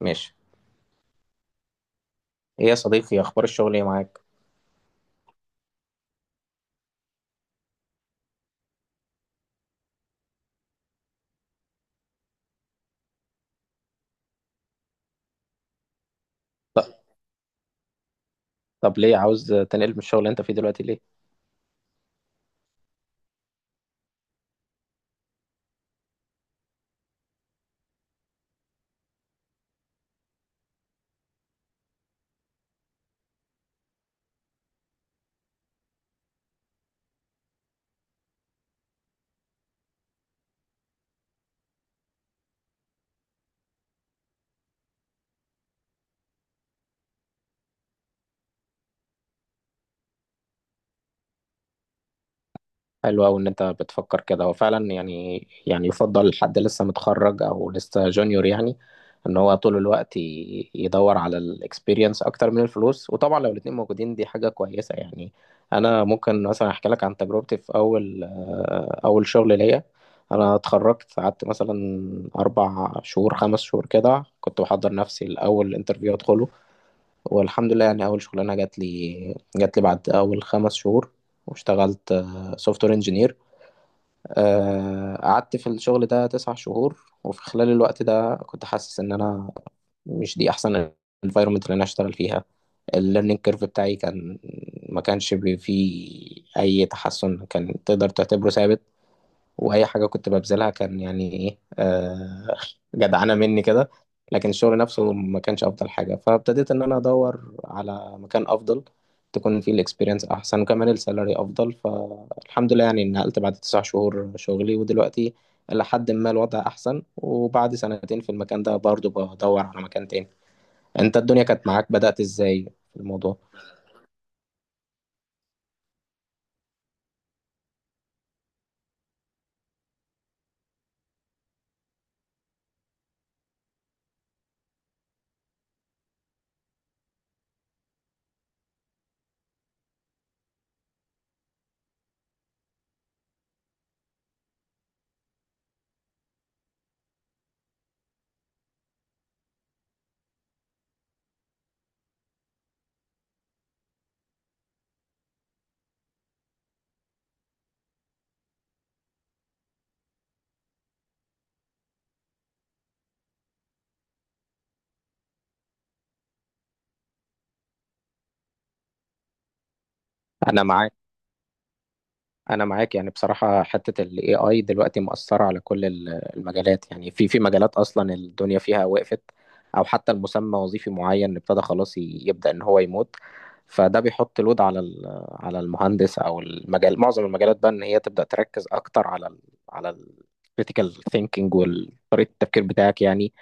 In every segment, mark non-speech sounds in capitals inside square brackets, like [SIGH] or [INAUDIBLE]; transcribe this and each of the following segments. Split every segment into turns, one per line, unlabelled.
ماشي. ايه يا صديقي، إيه اخبار الشغل، ايه معاك؟ ط- طب ليه عاوز تنقل من الشغل اللي انت فيه دلوقتي ليه؟ حلو قوي ان انت بتفكر كده. هو فعلا يعني يفضل حد لسه متخرج او لسه جونيور يعني ان هو طول الوقت يدور على الاكسبيرينس اكتر من الفلوس. وطبعا لو الاتنين موجودين دي حاجة كويسة يعني. انا ممكن مثلا احكي لك عن تجربتي في اول شغل ليا. انا اتخرجت، قعدت مثلا 4 شهور 5 شهور كده كنت بحضر نفسي لاول انترفيو ادخله. والحمد لله يعني اول شغلانه جات لي بعد اول 5 شهور، واشتغلت سوفت وير انجينير. قعدت في الشغل ده 9 شهور، وفي خلال الوقت ده كنت حاسس ان انا مش دي احسن environment اللي انا اشتغل فيها. الليرنينج كيرف بتاعي كان ما كانش فيه اي تحسن، كان تقدر تعتبره ثابت. واي حاجه كنت ببذلها كان يعني ايه جدعانه مني كده. لكن الشغل نفسه ما كانش افضل حاجه، فابتديت ان انا ادور على مكان افضل تكون فيه الاكسبيرينس احسن وكمان السالري افضل. فالحمد لله يعني نقلت بعد 9 شهور شغلي، ودلوقتي لحد ما الوضع احسن. وبعد سنتين في المكان ده برضو بدور على مكان تاني. انت الدنيا كانت معاك، بدأت ازاي في الموضوع؟ انا معاك انا معاك يعني بصراحه حته الاي اي دلوقتي مأثره على كل المجالات. يعني في مجالات اصلا الدنيا فيها وقفت، او حتى المسمى وظيفي معين ابتدى خلاص يبدأ ان هو يموت. فده بيحط لود على المهندس او المجال. معظم المجالات بقى ان هي تبدأ تركز اكتر على ال critical thinking وطريقه التفكير بتاعك يعني.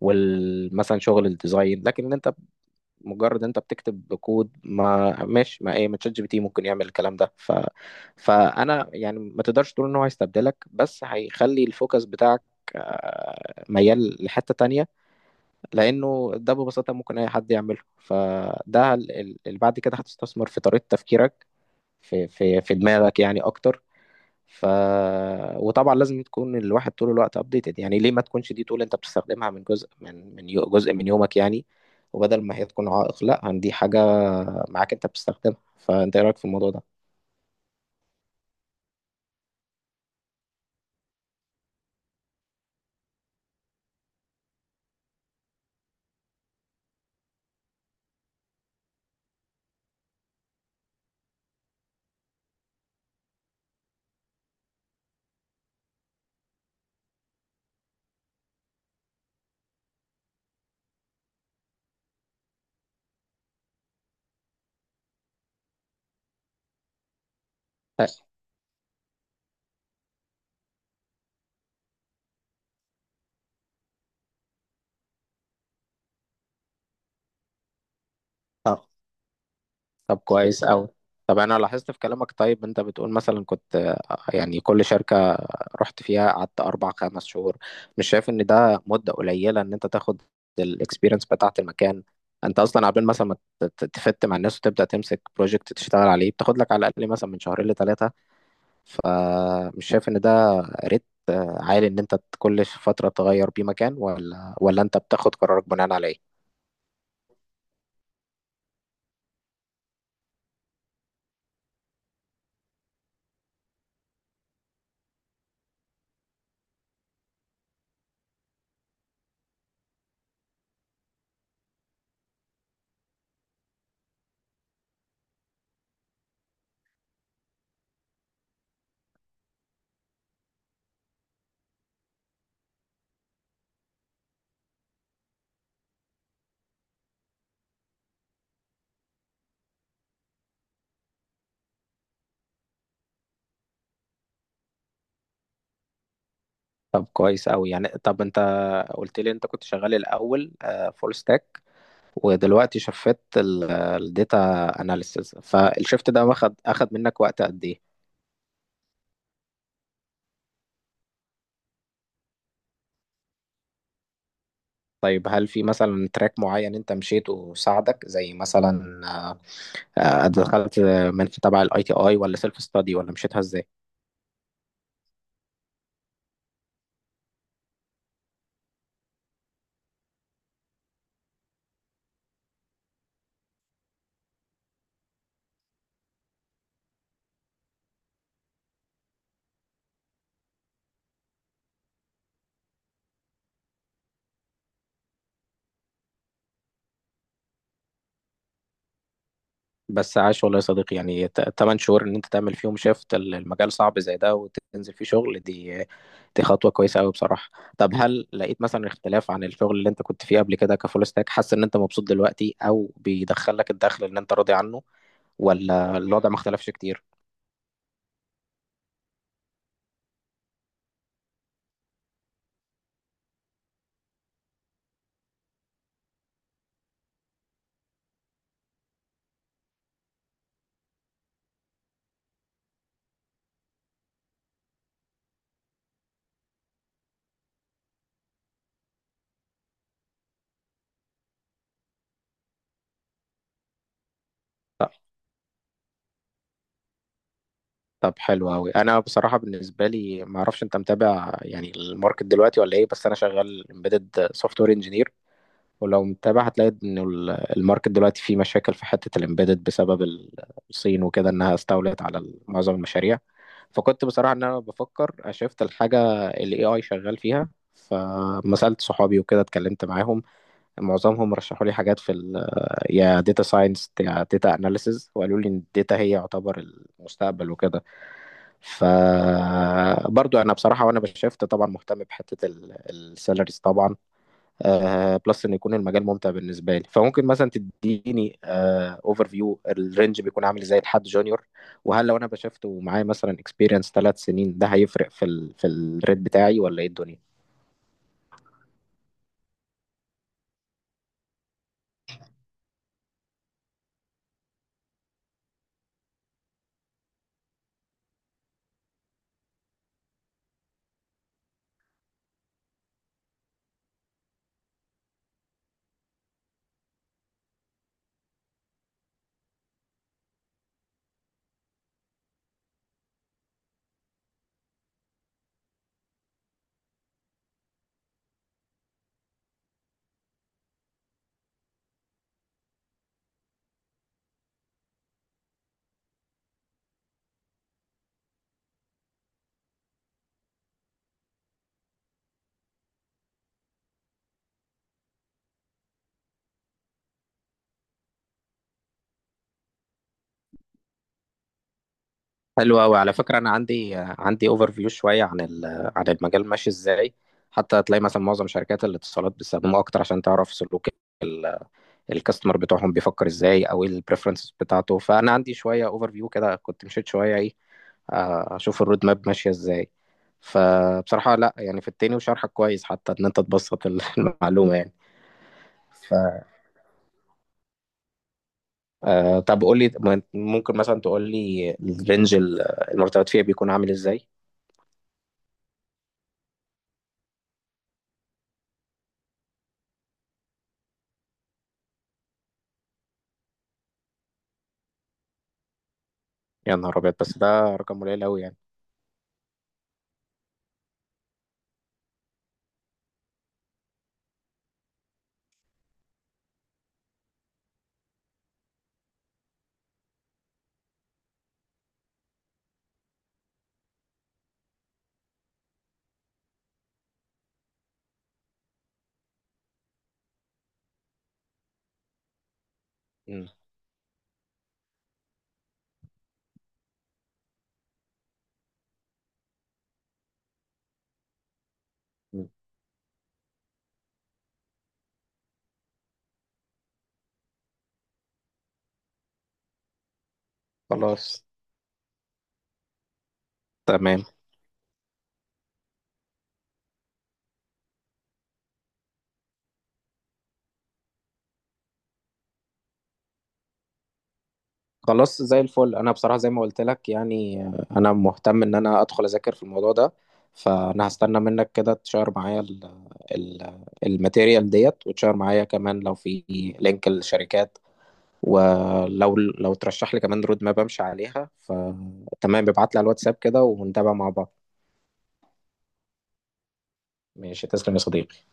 ومثلا شغل الديزاين. لكن انت مجرد انت بتكتب كود، ما ماشي ما ايه ما تشات جي بي تي ممكن يعمل الكلام ده. فانا يعني ما تقدرش تقول ان هو هيستبدلك، بس هيخلي الفوكس بتاعك ميال لحتة تانية. لأنه ده ببساطة ممكن أي حد يعمله. فده اللي بعد كده هتستثمر في طريقة تفكيرك، في دماغك يعني أكتر. ف وطبعا لازم تكون الواحد طول الوقت أبديتد يعني. ليه ما تكونش دي طول أنت بتستخدمها من جزء جزء من يومك يعني. وبدل ما هي تكون عائق، لا دي حاجة معاك انت بتستخدمها. فانت ايه رايك في الموضوع ده؟ اه. آه. طب كويس قوي. طب انا لاحظت في كلامك. طيب انت بتقول مثلا كنت يعني كل شركة رحت فيها قعدت اربع خمس شهور، مش شايف ان ده مدة قليلة ان انت تاخد الاكسبيرينس بتاعة المكان؟ انت اصلا قبل مثلا ما تفت مع الناس وتبدأ تمسك بروجكت تشتغل عليه، بتاخد لك على الاقل مثلا من شهرين لثلاثة. فمش شايف ان ده ريت عالي ان انت كل فترة تغير بيه مكان، ولا انت بتاخد قرارك بناء على ايه؟ طب كويس أوي يعني. طب أنت قلت لي أنت كنت شغال الأول فول ستاك، ودلوقتي شفت الداتا أناليسيس. فالشفت ده أخد منك وقت قد إيه؟ طيب هل في مثلا تراك معين أنت مشيته وساعدك؟ زي مثلا دخلت من تبع الأي تي أي ولا سيلف ستادي، ولا مشيتها إزاي؟ بس عاش والله يا صديقي. يعني 8 شهور ان انت تعمل فيهم شيفت المجال صعب زي ده وتنزل فيه شغل، دي خطوة كويسة قوي بصراحة. طب هل لقيت مثلا اختلاف عن الشغل اللي انت كنت فيه قبل كده كفول ستاك؟ حاسس ان انت مبسوط دلوقتي، او بيدخلك الدخل اللي انت راضي عنه، ولا الوضع ما اختلفش كتير؟ طب حلو قوي. انا بصراحة بالنسبة لي ما اعرفش انت متابع يعني الماركت دلوقتي ولا ايه، بس انا شغال امبيدد سوفت وير انجينير. ولو متابع هتلاقي ان الماركت دلوقتي فيه مشاكل في حتة الامبيدد بسبب الصين وكده، انها استولت على معظم المشاريع. فكنت بصراحة ان انا بفكر اشفت الحاجة اللي اي اي شغال فيها. فما سألت صحابي وكده اتكلمت معاهم، معظمهم رشحوا لي حاجات في ال يا داتا ساينس يا داتا اناليسز، وقالوا لي ان الداتا هي يعتبر المستقبل وكده. ف برضو انا بصراحة وانا بشفت طبعا مهتم بحتة السالاريز طبعا، بلس ان يكون المجال ممتع بالنسبه لي. فممكن مثلا تديني اوفر فيو الرينج بيكون عامل ازاي لحد جونيور؟ وهل لو انا بشفته ومعاه مثلا اكسبيرينس 3 سنين ده هيفرق في الريت بتاعي ولا ايه الدنيا؟ حلو قوي على فكره، انا عندي اوفر فيو شويه عن المجال ماشي ازاي. حتى هتلاقي مثلا معظم شركات الاتصالات بيستخدموها اكتر عشان تعرف سلوك ال- الكاستمر بتوعهم بيفكر ازاي، او ايه البريفرنسز بتاعته. فانا عندي شويه اوفر فيو كده كنت مشيت شويه ايه، اشوف الرود ماب ماشيه ازاي. فبصراحه لا يعني في التاني، وشرحك كويس حتى ان انت تبسط [LAUGHS] المعلومه يعني. ف طب قول لي ممكن مثلا تقول لي الرينج المرتبات فيها بيكون عامل ازاي؟ يا نهار ابيض! بس ده رقم قليل قوي يعني. مم. خلاص. تمام. خلاص زي الفل، انا بصراحه زي ما قلت لك يعني انا مهتم ان انا ادخل اذاكر في الموضوع ده. فانا هستنى منك كده تشير معايا ال ال الماتيريال ديت، وتشير معايا كمان لو في لينك الشركات. ولو ترشح لي كمان رود ماب امشي عليها، فتمام ابعت لي على الواتساب كده ونتابع مع بعض. ماشي، تسلم يا صديقي.